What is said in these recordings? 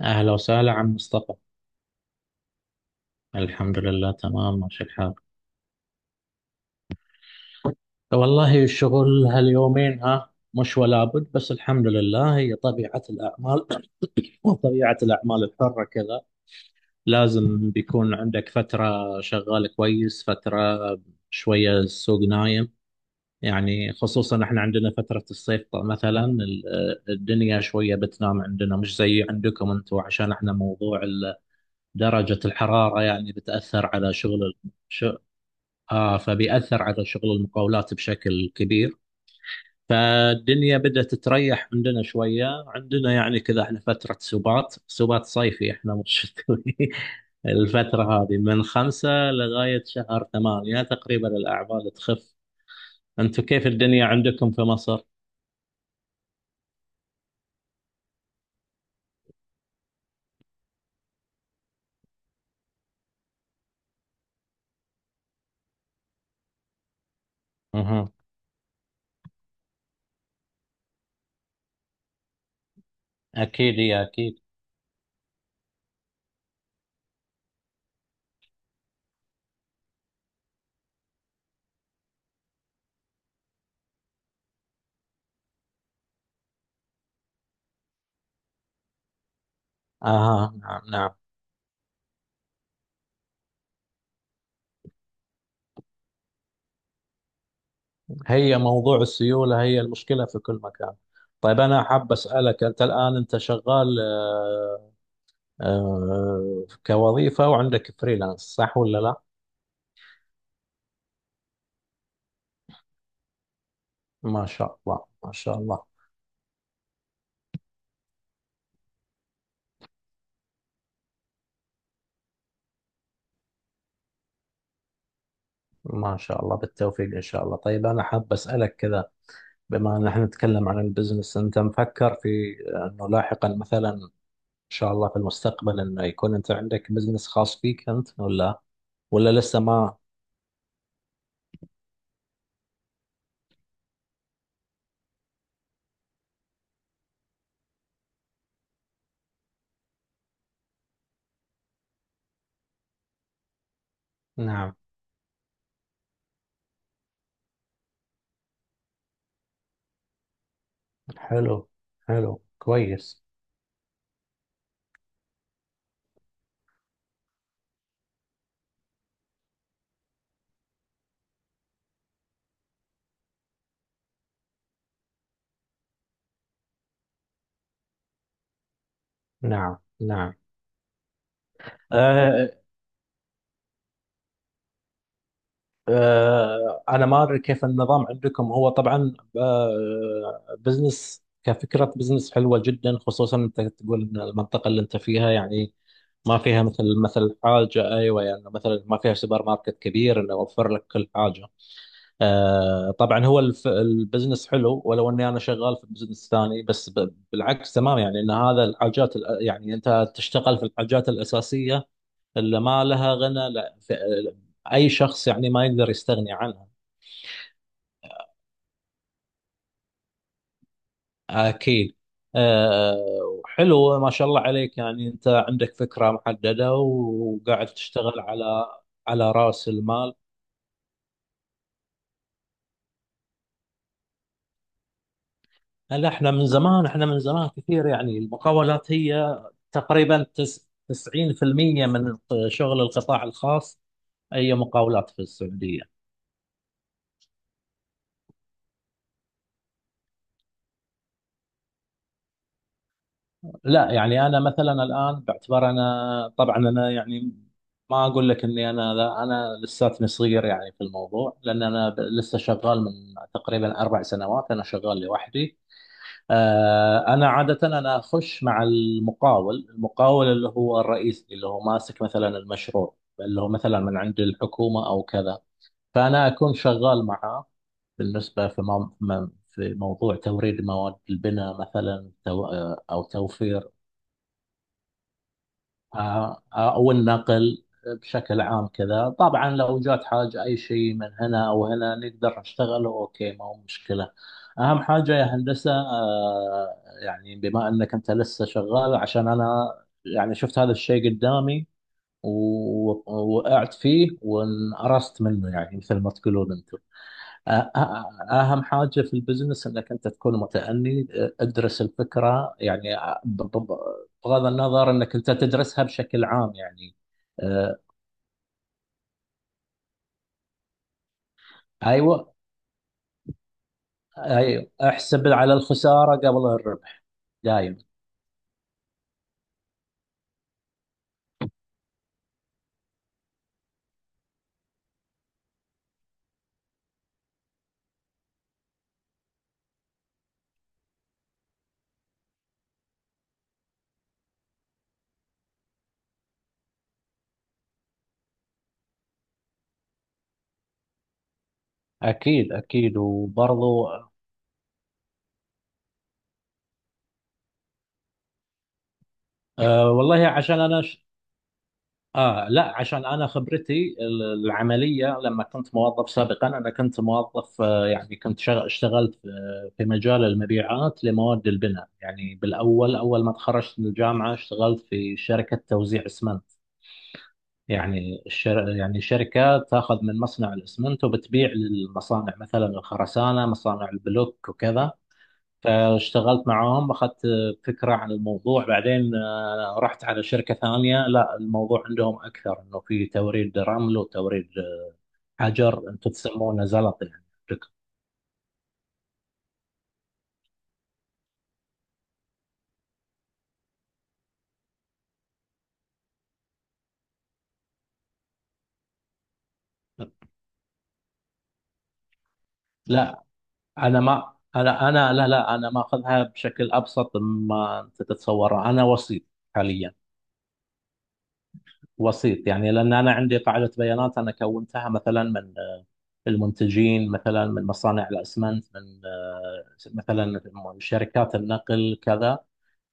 أهلا وسهلا عم مصطفى. الحمد لله تمام ماشي الحال. والله الشغل هاليومين مش ولا بد، بس الحمد لله هي طبيعة الأعمال وطبيعة الأعمال الحرة كذا. لازم بيكون عندك فترة شغال كويس، فترة شوية السوق نايم. يعني خصوصا احنا عندنا فترة الصيف، الدنيا شوية بتنام عندنا، مش زي عندكم انتم، عشان احنا موضوع درجة الحرارة يعني بتأثر على شغل. آه، فبيأثر على شغل المقاولات بشكل كبير. فالدنيا بدأت تريح عندنا شوية، عندنا يعني كذا احنا فترة سبات، سبات صيفي احنا مش شتوي الفترة هذه من خمسة لغاية شهر ثمانية تقريبا الأعمال تخف. أنتم كيف الدنيا عندكم في مصر؟ اها. أكيد هي، أكيد. أها، نعم نعم. هي موضوع السيولة هي المشكلة في كل مكان. طيب أنا حاب أسألك، أنت الآن أنت شغال آه، كوظيفة وعندك فريلانس، صح ولا لا؟ ما شاء الله، ما شاء الله. ما شاء الله بالتوفيق إن شاء الله. طيب أنا حاب أسألك كذا، بما أن احنا نتكلم عن البزنس، أنت مفكر في أنه لاحقا مثلا إن شاء الله في المستقبل أنه يكون أنت عندك بزنس خاص فيك أنت، ولا ولا لسه ما؟ نعم. حلو، حلو كويس. نعم نعم. آه، آه، انا ما ادري كيف النظام عندكم. هو طبعا آه، بزنس كفكره بزنس حلوه جدا، خصوصا انت تقول ان المنطقه اللي انت فيها يعني ما فيها مثل حاجه، ايوه يعني مثلا ما فيها سوبر ماركت كبير انه يوفر لك كل حاجه. آه، طبعا هو البزنس حلو، ولو اني انا شغال في بزنس ثاني، بس بالعكس تمام، يعني ان هذا الحاجات يعني انت تشتغل في الحاجات الاساسيه اللي ما لها غنى، لا ف- اي شخص يعني ما يقدر يستغني عنها. اكيد. أه، وحلو ما شاء الله عليك، يعني انت عندك فكرة محددة وقاعد تشتغل على على رأس المال. هل احنا من زمان، احنا من زمان كثير يعني المقاولات هي تقريبا 90% من شغل القطاع الخاص هي مقاولات في السعودية. لا يعني انا مثلا الان باعتبار، انا طبعا انا يعني ما اقول لك اني انا، لا انا لساتني صغير يعني في الموضوع، لان لسه شغال من تقريبا اربع سنوات انا شغال لوحدي. آه، انا عاده انا اخش مع المقاول، المقاول اللي هو الرئيس اللي هو ماسك مثلا المشروع اللي هو مثلا من عند الحكومه او كذا. فانا اكون شغال معه بالنسبه في مو- في موضوع توريد مواد البناء مثلا، او توفير. آه، آه، او النقل بشكل عام كذا. طبعا لو جات حاجه اي شيء من هنا او هنا نقدر نشتغله، اوكي ما هو مشكله. اهم حاجه يا هندسه آه، يعني بما انك انت لسه شغال، عشان انا يعني شفت هذا الشيء قدامي ووقعت فيه وانقرصت منه يعني مثل ما تقولون انتم. أهم حاجة في البزنس أنك أنت تكون متأني، ادرس الفكرة يعني. ب- ب- ب- بغض النظر أنك أنت تدرسها بشكل عام يعني. أه، أيوة، أيوة احسب على الخسارة قبل الربح دايم. أكيد أكيد وبرضو. أه، والله عشان أنا آه، لا عشان أنا خبرتي العملية لما كنت موظف سابقا، أنا كنت موظف آه، يعني اشتغلت في آه، في مجال المبيعات لمواد البناء، يعني بالأول أول ما تخرجت من الجامعة اشتغلت في شركة توزيع اسمنت، يعني يعني شركة تاخذ من مصنع الاسمنت وبتبيع للمصانع مثلا الخرسانة، مصانع البلوك وكذا. فاشتغلت معاهم، اخذت فكره عن الموضوع، بعدين آه، رحت على شركه ثانيه، لا الموضوع عندهم اكثر انه في توريد رمل وتوريد حجر انتم تسمونه زلط يعني عندكم. لا انا ما انا، انا لا انا ماخذها بشكل ابسط مما انت تتصوره، انا وسيط حاليا. وسيط يعني لان انا عندي قاعده بيانات انا كونتها مثلا من آه، المنتجين، مثلا من مصانع الاسمنت، من آه، مثلا شركات النقل كذا.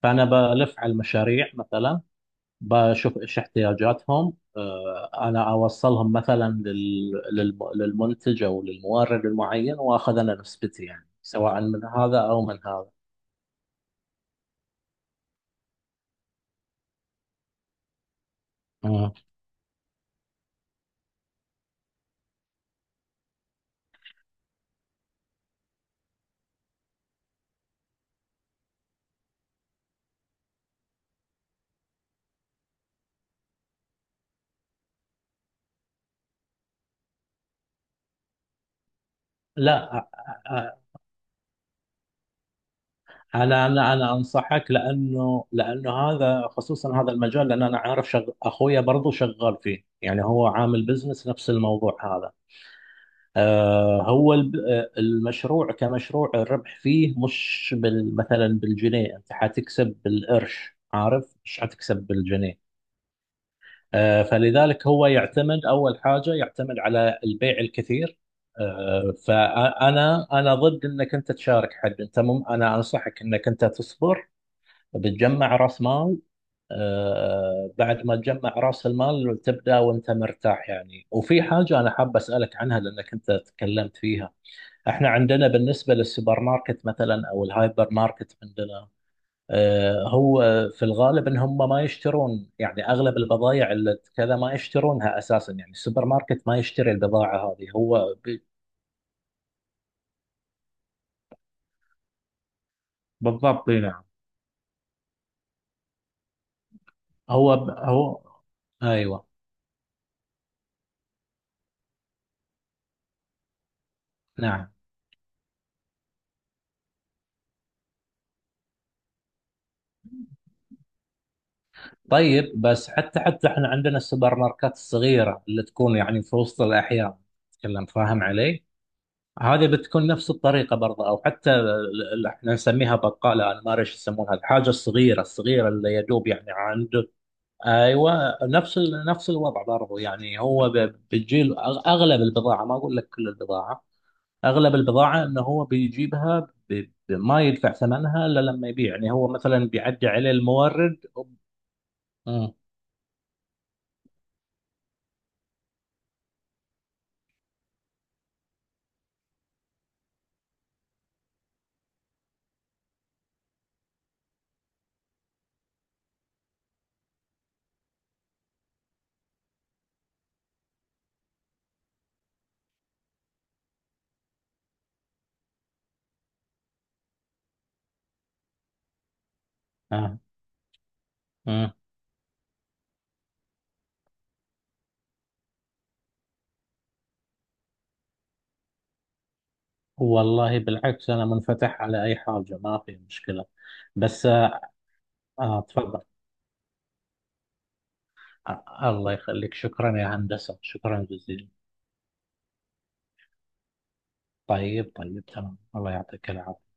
فأنا بلف على المشاريع مثلا بشوف إيش احتياجاتهم، آه، أنا أوصلهم مثلا للمنتج أو للمورد المعين، وآخذ أنا نسبتي يعني سواء من هذا أو من هذا. اه، لا. أ- انا انا انصحك، لانه لانه هذا خصوصا هذا المجال، لان انا عارف اخويا برضو شغال فيه، يعني هو عامل بزنس نفس الموضوع هذا. آه، هو المشروع كمشروع الربح فيه مش بال مثلا بالجنيه، انت حتكسب بالقرش عارف، مش حتكسب بالجنيه. آه، فلذلك هو يعتمد اول حاجه، يعتمد على البيع الكثير. آه، فانا انا ضد انك انت تشارك حد انت، مم انا انصحك انك انت تصبر، بتجمع راس مال. آه، بعد ما تجمع راس المال تبدا وانت مرتاح يعني. وفي حاجه انا حاب اسالك عنها لانك انت تكلمت فيها. احنا عندنا بالنسبة للسوبر ماركت مثلا او الهايبر ماركت عندنا آه، هو في الغالب ان هم ما يشترون يعني اغلب البضائع اللي كذا ما يشترونها اساسا، يعني السوبر ماركت ما يشتري البضاعة هذه بالضبط اي نعم. هو هو. ايوه. نعم. طيب بس حتى، حتى احنا عندنا السوبر ماركات الصغيره اللي تكون يعني في وسط الاحياء تتكلم، فاهم علي؟ هذه بتكون نفس الطريقة برضه. أو حتى احنا نسميها بقالة، أنا ما أدري إيش يسمونها، الحاجة الصغيرة الصغيرة اللي يدوب يعني عنده. أيوة، نفس الوضع برضه، يعني بتجيل أغلب البضاعة، ما أقول لك كل البضاعة، أغلب البضاعة إنه هو بيجيبها، ب- ما يدفع ثمنها إلا لما يبيع، يعني هو مثلا بيعدي عليه المورد. أمم، آه، أمم. والله بالعكس أنا منفتح على أي حاجة، ما في مشكلة. بس آه. آه، تفضل. أ- الله يخليك، شكرا يا هندسة، شكرا جزيلا. طيب طيب تمام، الله يعطيك العافية.